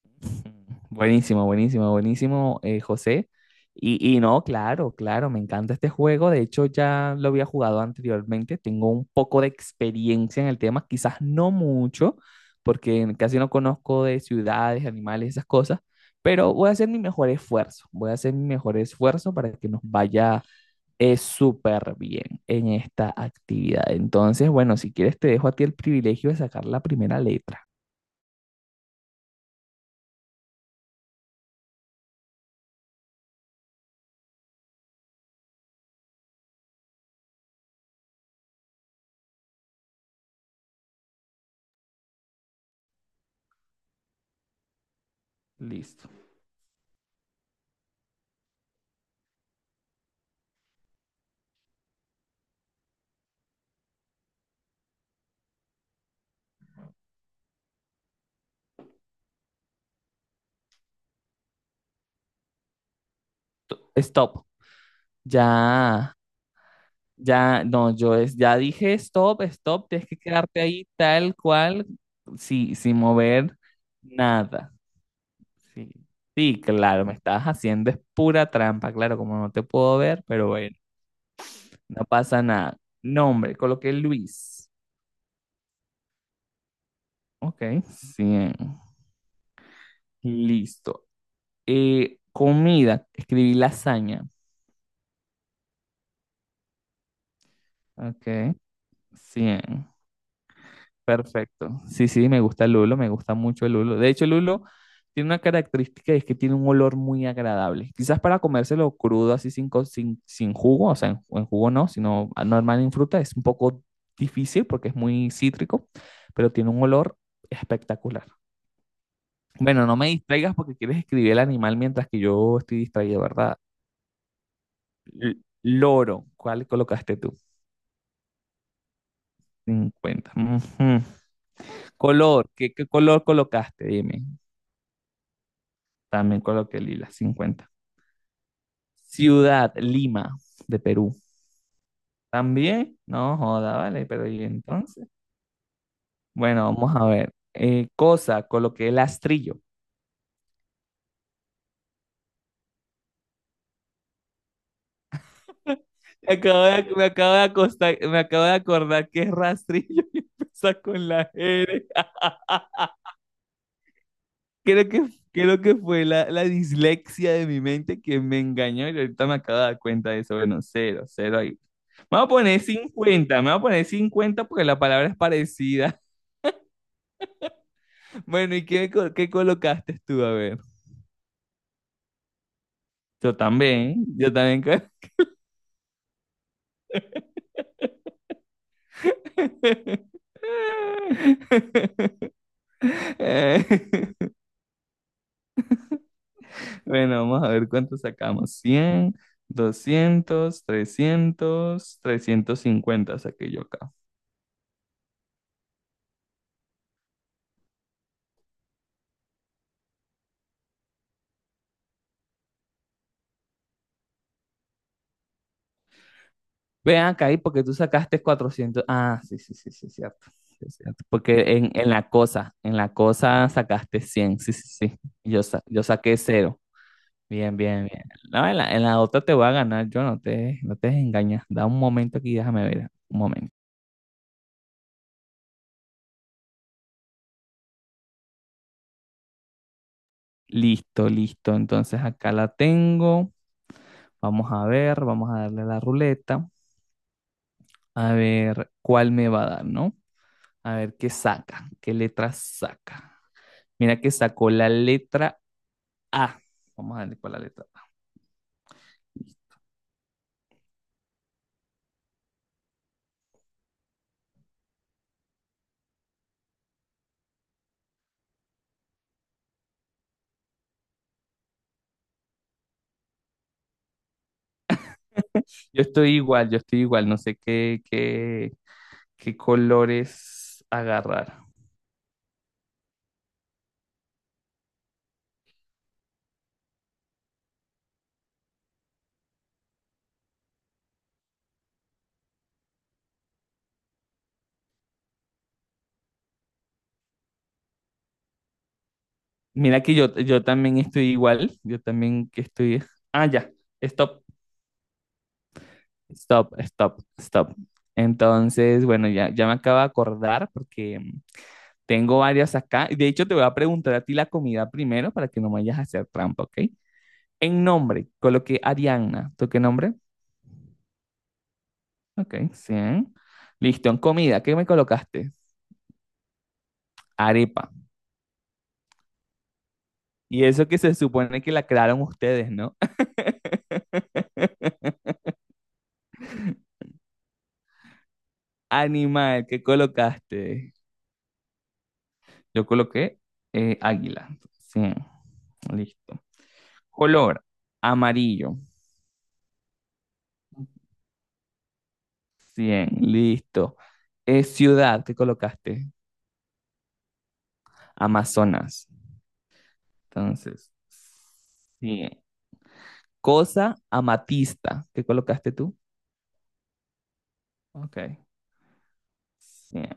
Buenísimo, buenísimo, buenísimo, José. Y no, claro, claro, me encanta este juego. De hecho, ya lo había jugado anteriormente. Tengo un poco de experiencia en el tema, quizás no mucho, porque casi no conozco de ciudades, animales, esas cosas, pero voy a hacer mi mejor esfuerzo. Voy a hacer mi mejor esfuerzo para que nos vaya súper bien en esta actividad. Entonces, bueno, si quieres, te dejo a ti el privilegio de sacar la primera letra. Listo. Stop. Ya, ya, no, ya dije stop, stop, tienes que quedarte ahí tal cual, sí, sin mover nada. Sí, sí, claro, me estabas haciendo es pura trampa, claro, como no te puedo ver, pero bueno, no pasa nada. Nombre, coloqué Luis. Ok, 100. Listo. Comida, escribí lasaña. Ok, 100. Perfecto. Sí, sí, me gusta el lulo, me gusta mucho el lulo. De hecho, el lulo tiene una característica y es que tiene un olor muy agradable. Quizás para comérselo crudo, así sin, co- sin, sin jugo, o sea, en jugo no, sino normal en fruta, es un poco difícil porque es muy cítrico, pero tiene un olor espectacular. Bueno, no me distraigas porque quieres escribir el animal mientras que yo estoy distraído, ¿verdad? L- loro, ¿cuál colocaste tú? 50. Ujú. Color, ¿qué color colocaste? Dime. También coloqué Lila, 50. Ciudad, Lima, de Perú. También, no joda, vale, pero ¿y entonces? Bueno, vamos a ver. Cosa, coloqué rastrillo. Me acabo de acordar que es rastrillo y empieza con la R. Creo que, creo que fue la dislexia de mi mente que me engañó y ahorita me acabo de dar cuenta de eso. Bueno, 0, 0 ahí. Me voy a poner 50. Me voy a poner 50 porque la palabra es parecida. Bueno, ¿y qué colocaste tú? A ver. Yo también, yo también. Eh, Bueno, vamos a ver cuánto sacamos. 100, 200, 300, 350 saqué yo acá. Ven acá y porque tú sacaste 400. Ah, sí, sí, sí, sí, cierto. Sí, cierto. Porque en la cosa sacaste 100. Sí, sí, sí. Yo saqué 0. Bien, bien, bien. No, en la otra te voy a ganar, yo no te engañas. Da un momento aquí, déjame ver. Un momento. Listo, listo. Entonces acá la tengo. Vamos a ver, vamos a darle a la ruleta. A ver cuál me va a dar, ¿no? A ver qué saca, qué letra saca. Mira que sacó la letra A. Vamos a darle con la letra A. Yo estoy igual, yo estoy igual. No sé qué colores agarrar. Mira que yo también estoy igual, yo también que estoy. Ah, ya, stop, stop, stop, stop. Entonces, bueno, ya, ya me acabo de acordar porque tengo varias acá. De hecho, te voy a preguntar a ti la comida primero para que no me vayas a hacer trampa, ¿ok? En nombre, coloqué Arianna. ¿Tú qué nombre? Ok, 100. Listo, en comida, ¿qué me colocaste? Arepa. Y eso que se supone que la crearon ustedes, ¿no? Animal, ¿qué colocaste? Yo coloqué águila. 100. Listo. Color, amarillo. 100. Listo. Ciudad, ¿qué colocaste? Amazonas. Entonces, 100. Cosa, amatista. ¿Qué colocaste tú? Ok. 100.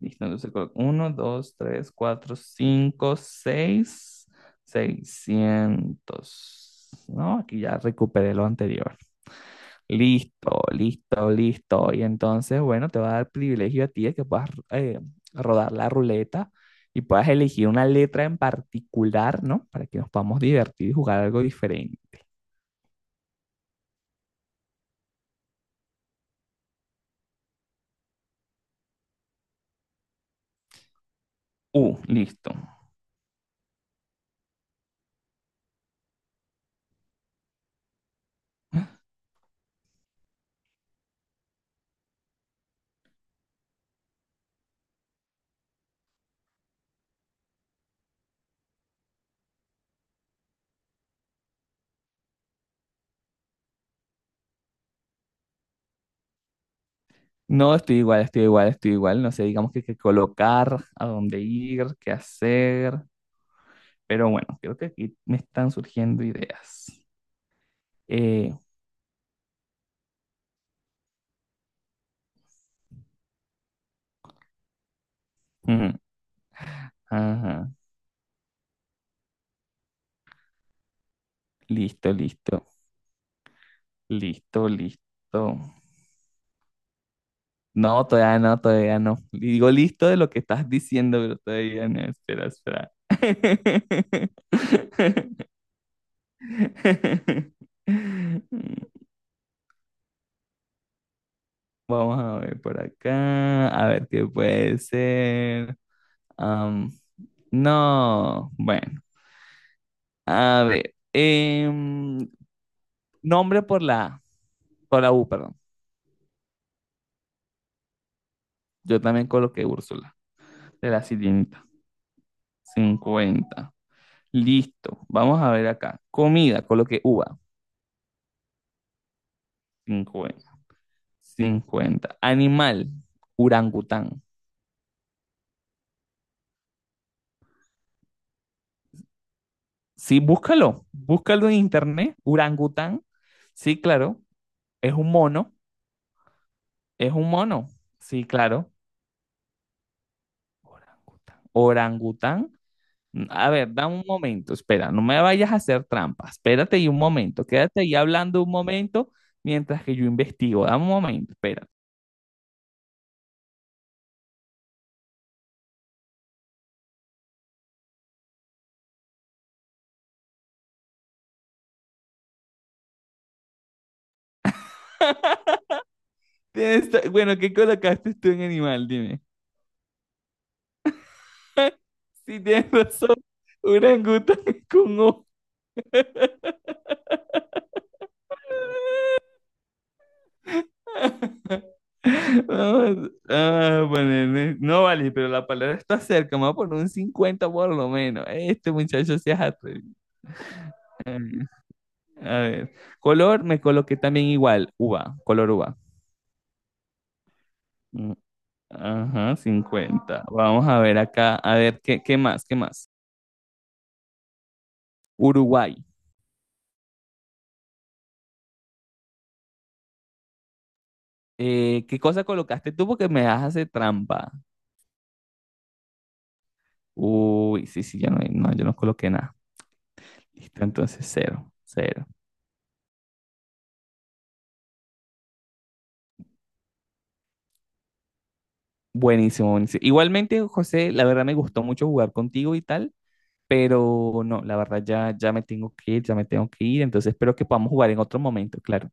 Listo. Entonces, uno, 2, 3, 4, 5, 6, 600. No, aquí ya recuperé lo anterior. Listo, listo, listo. Y entonces, bueno, te va a dar privilegio a ti de que puedas rodar la ruleta y puedas elegir una letra en particular, ¿no? Para que nos podamos divertir y jugar algo diferente. Listo. No, estoy igual, estoy igual, estoy igual. No sé, digamos que qué colocar, a dónde ir, qué hacer. Pero bueno, creo que aquí me están surgiendo ideas. Eh, mm, ajá, listo, listo, listo, listo. No, todavía no, todavía no. Digo listo de lo que estás diciendo, pero todavía no. Espera, espera. Vamos a ver por acá, a ver qué puede ser. Am, no, bueno, a ver. Nombre por la U, perdón. Yo también coloqué Úrsula, de la sirenita. 50. Listo, vamos a ver acá. Comida, coloqué uva. 50. 50. Animal, orangután. Sí, búscalo, búscalo en internet, orangután. Sí, claro, es un mono, es un mono. Sí, claro, orangután. Orangután. A ver, da un momento, espera, no me vayas a hacer trampa. Espérate ahí un momento, quédate ahí hablando un momento mientras que yo investigo. Dame un momento, espera. Bueno, ¿qué colocaste tú en animal? Dime. Sí, tienes razón, orangután con O. No vale, pero la palabra está cerca. Me voy a poner un 50 por lo menos. Este muchacho se hace atrevido. A ver. Color, me coloqué también igual. Uva, color uva. Mm, ajá, 50. Vamos a ver acá. A ver, ¿qué más? ¿Qué más? Uruguay. ¿Qué cosa colocaste tú? Porque me das hacer trampa. Uy, sí, sí, ya no, no, yo no coloqué nada. Listo, entonces 0, 0. Buenísimo, buenísimo. Igualmente, José, la verdad me gustó mucho jugar contigo y tal, pero no, la verdad ya, ya me tengo que ir, ya me tengo que ir, entonces espero que podamos jugar en otro momento, claro.